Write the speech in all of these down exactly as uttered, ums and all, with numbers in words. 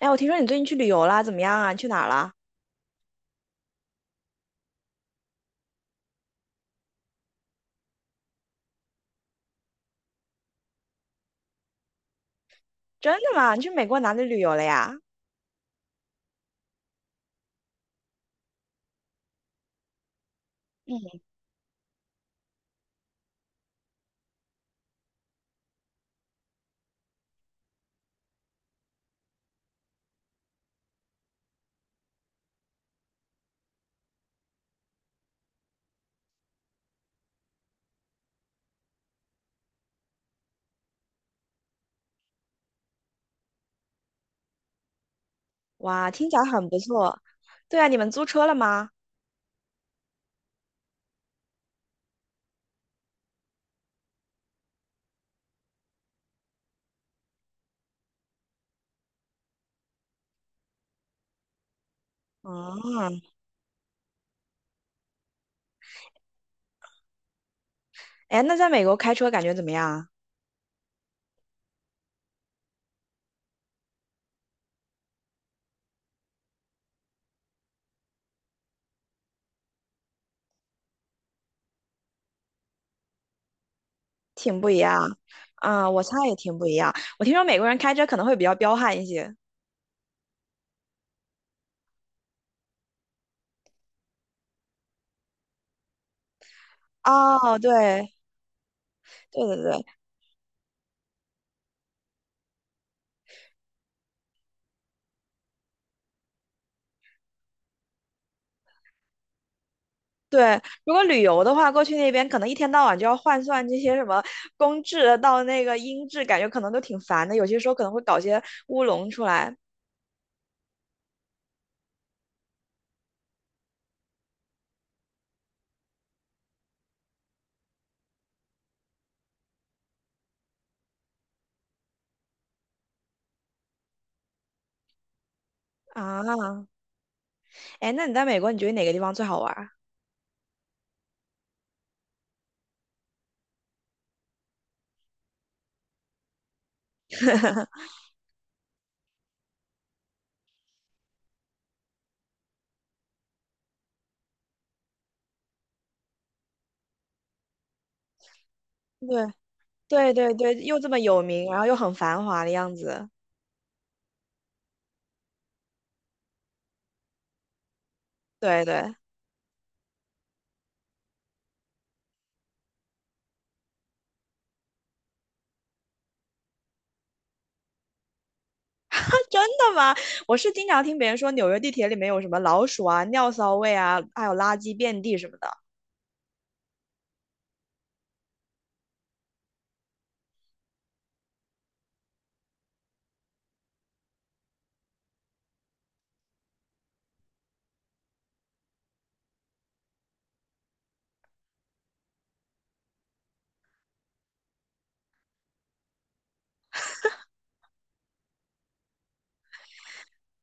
哎，我听说你最近去旅游了，怎么样啊？你去哪儿啦？真的吗？你去美国哪里旅游了呀？嗯。哇，听起来很不错。对啊，你们租车了吗？嗯。哎，那在美国开车感觉怎么样啊？挺不一样。啊，我猜也挺不一样。我听说美国人开车可能会比较彪悍一些。哦，对，对对对对。如果旅游的话，过去那边可能一天到晚就要换算这些什么公制到那个英制，感觉可能都挺烦的。有些时候可能会搞些乌龙出来啊。哎，那你在美国，你觉得哪个地方最好玩儿？对，对对对，又这么有名，然后又很繁华的样子。对对，啊，真的吗？我是经常听别人说纽约地铁里面有什么老鼠啊、尿骚味啊，还有垃圾遍地什么的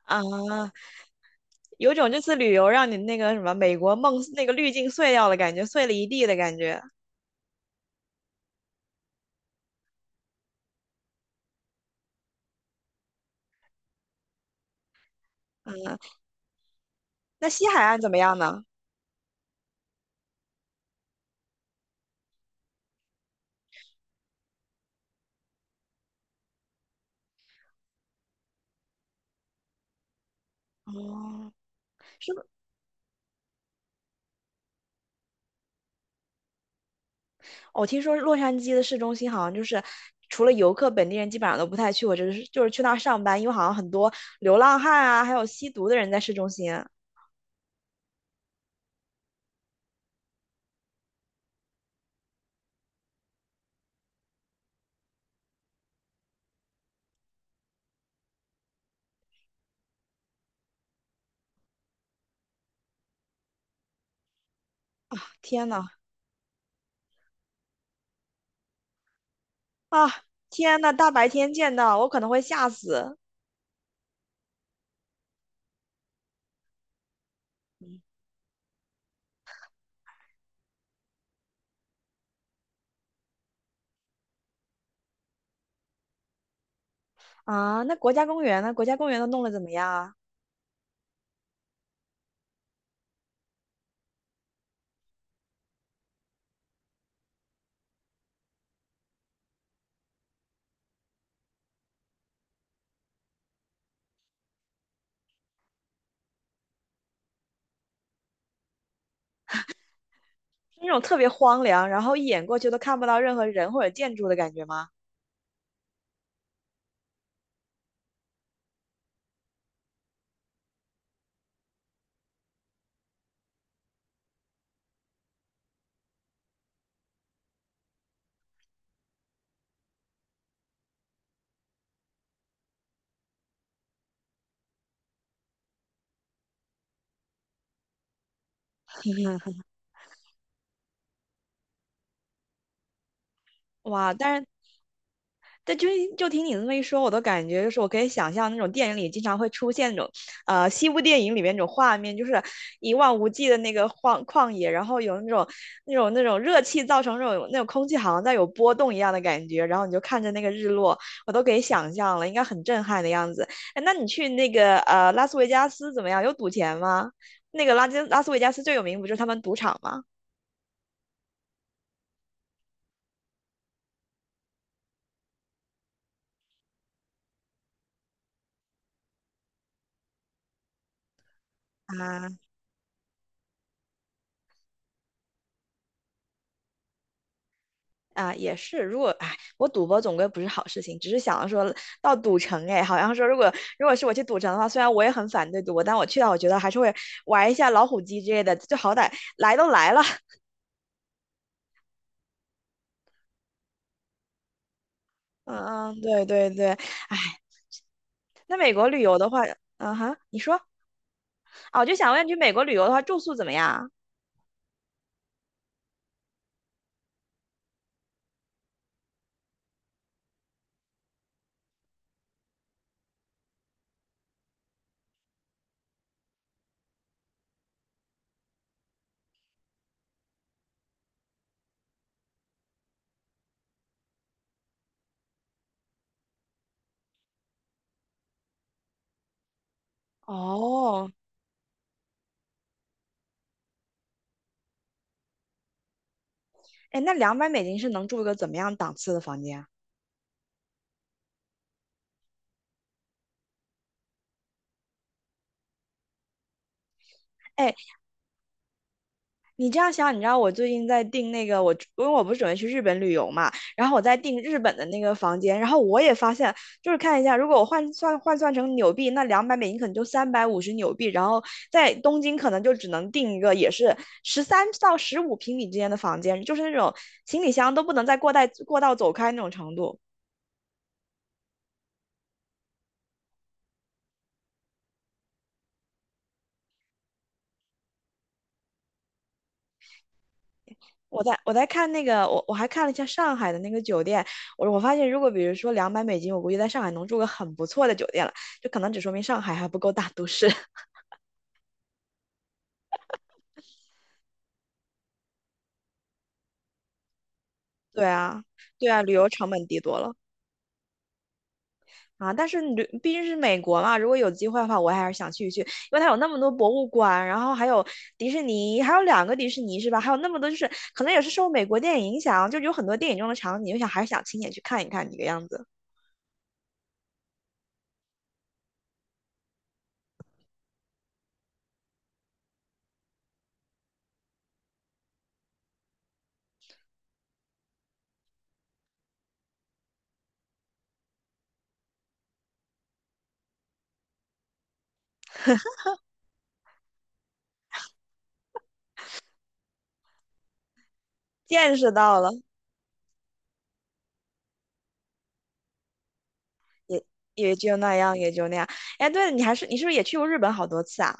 啊，有种这次旅游让你那个什么美国梦那个滤镜碎掉了感觉，碎了一地的感觉。嗯。那西海岸怎么样呢？哦，是。我听说洛杉矶的市中心好像就是除了游客，本地人基本上都不太去过，我就是就是去那儿上班，因为好像很多流浪汉啊，还有吸毒的人在市中心。天呐，啊，天呐，大白天见到我可能会吓死。啊！那国家公园呢？国家公园都弄得怎么样啊？是那种特别荒凉，然后一眼过去都看不到任何人或者建筑的感觉吗？哇，但是对，就就听你这么一说，我都感觉就是我可以想象那种电影里经常会出现那种，呃，西部电影里面那种画面，就是一望无际的那个荒旷野，然后有那种那种那种热气造成那种那种空气好像在有波动一样的感觉，然后你就看着那个日落，我都可以想象了，应该很震撼的样子。哎，那你去那个呃拉斯维加斯怎么样？有赌钱吗？那个拉斯拉斯维加斯最有名不就是他们赌场吗？啊。啊，也是。如果哎，我赌博总归不是好事情，只是想说到赌城，哎，好像说如果如果是我去赌城的话，虽然我也很反对赌博，但我去了，我觉得还是会玩一下老虎机之类的，就好歹来都来了。嗯嗯，对对对。哎，那美国旅游的话，嗯哼，你说哦，我就想问，去美国旅游的话，住宿怎么样？哦。哎，那两百美金是能住一个怎么样档次的房间啊？哎，你这样想，你知道我最近在订那个我，因为我不是准备去日本旅游嘛，然后我在订日本的那个房间，然后我也发现，就是看一下，如果我换算换算成纽币，那两百美金可能就三百五十纽币，然后在东京可能就只能订一个也是十三到十五平米之间的房间，就是那种行李箱都不能在过带过道走开那种程度。我在我在看那个，我我还看了一下上海的那个酒店，我我发现如果比如说两百美金，我估计在上海能住个很不错的酒店了，就可能只说明上海还不够大都市。对啊，对啊，旅游成本低多了啊，但是旅毕竟是美国嘛，如果有机会的话，我还是想去一去，因为它有那么多博物馆，然后还有迪士尼，还有两个迪士尼是吧？还有那么多就是可能也是受美国电影影响，就有很多电影中的场景，我想还是想亲眼去看一看这个样子，见识到了。也也就那样，也就那样。哎，对了，你还是你是不是也去过日本好多次啊？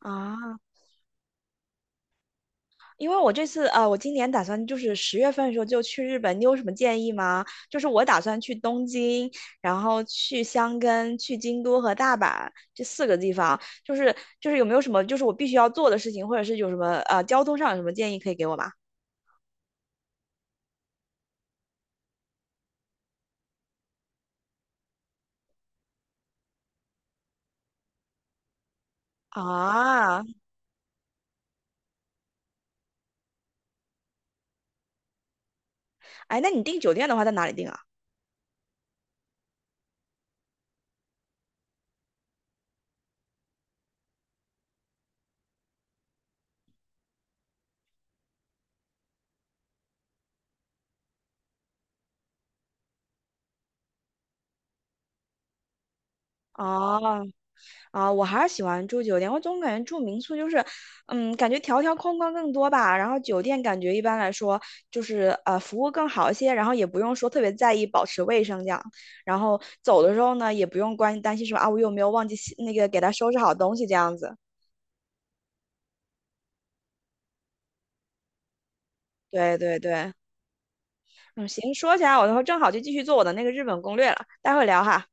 啊，因为我这次啊、呃我今年打算就是十月份的时候就去日本，你有什么建议吗？就是我打算去东京，然后去箱根、去京都和大阪这四个地方，就是就是有没有什么就是我必须要做的事情，或者是有什么呃交通上有什么建议可以给我吗？啊。哎，那你订酒店的话在哪里订啊？哦。啊，我还是喜欢住酒店。我总感觉住民宿就是，嗯，感觉条条框框更多吧。然后酒店感觉一般来说就是呃服务更好一些，然后也不用说特别在意保持卫生这样。然后走的时候呢，也不用关担心说啊我有没有忘记洗那个给他收拾好东西这样子。对对对，嗯，行，说起来我的话正好就继续做我的那个日本攻略了，待会儿聊哈。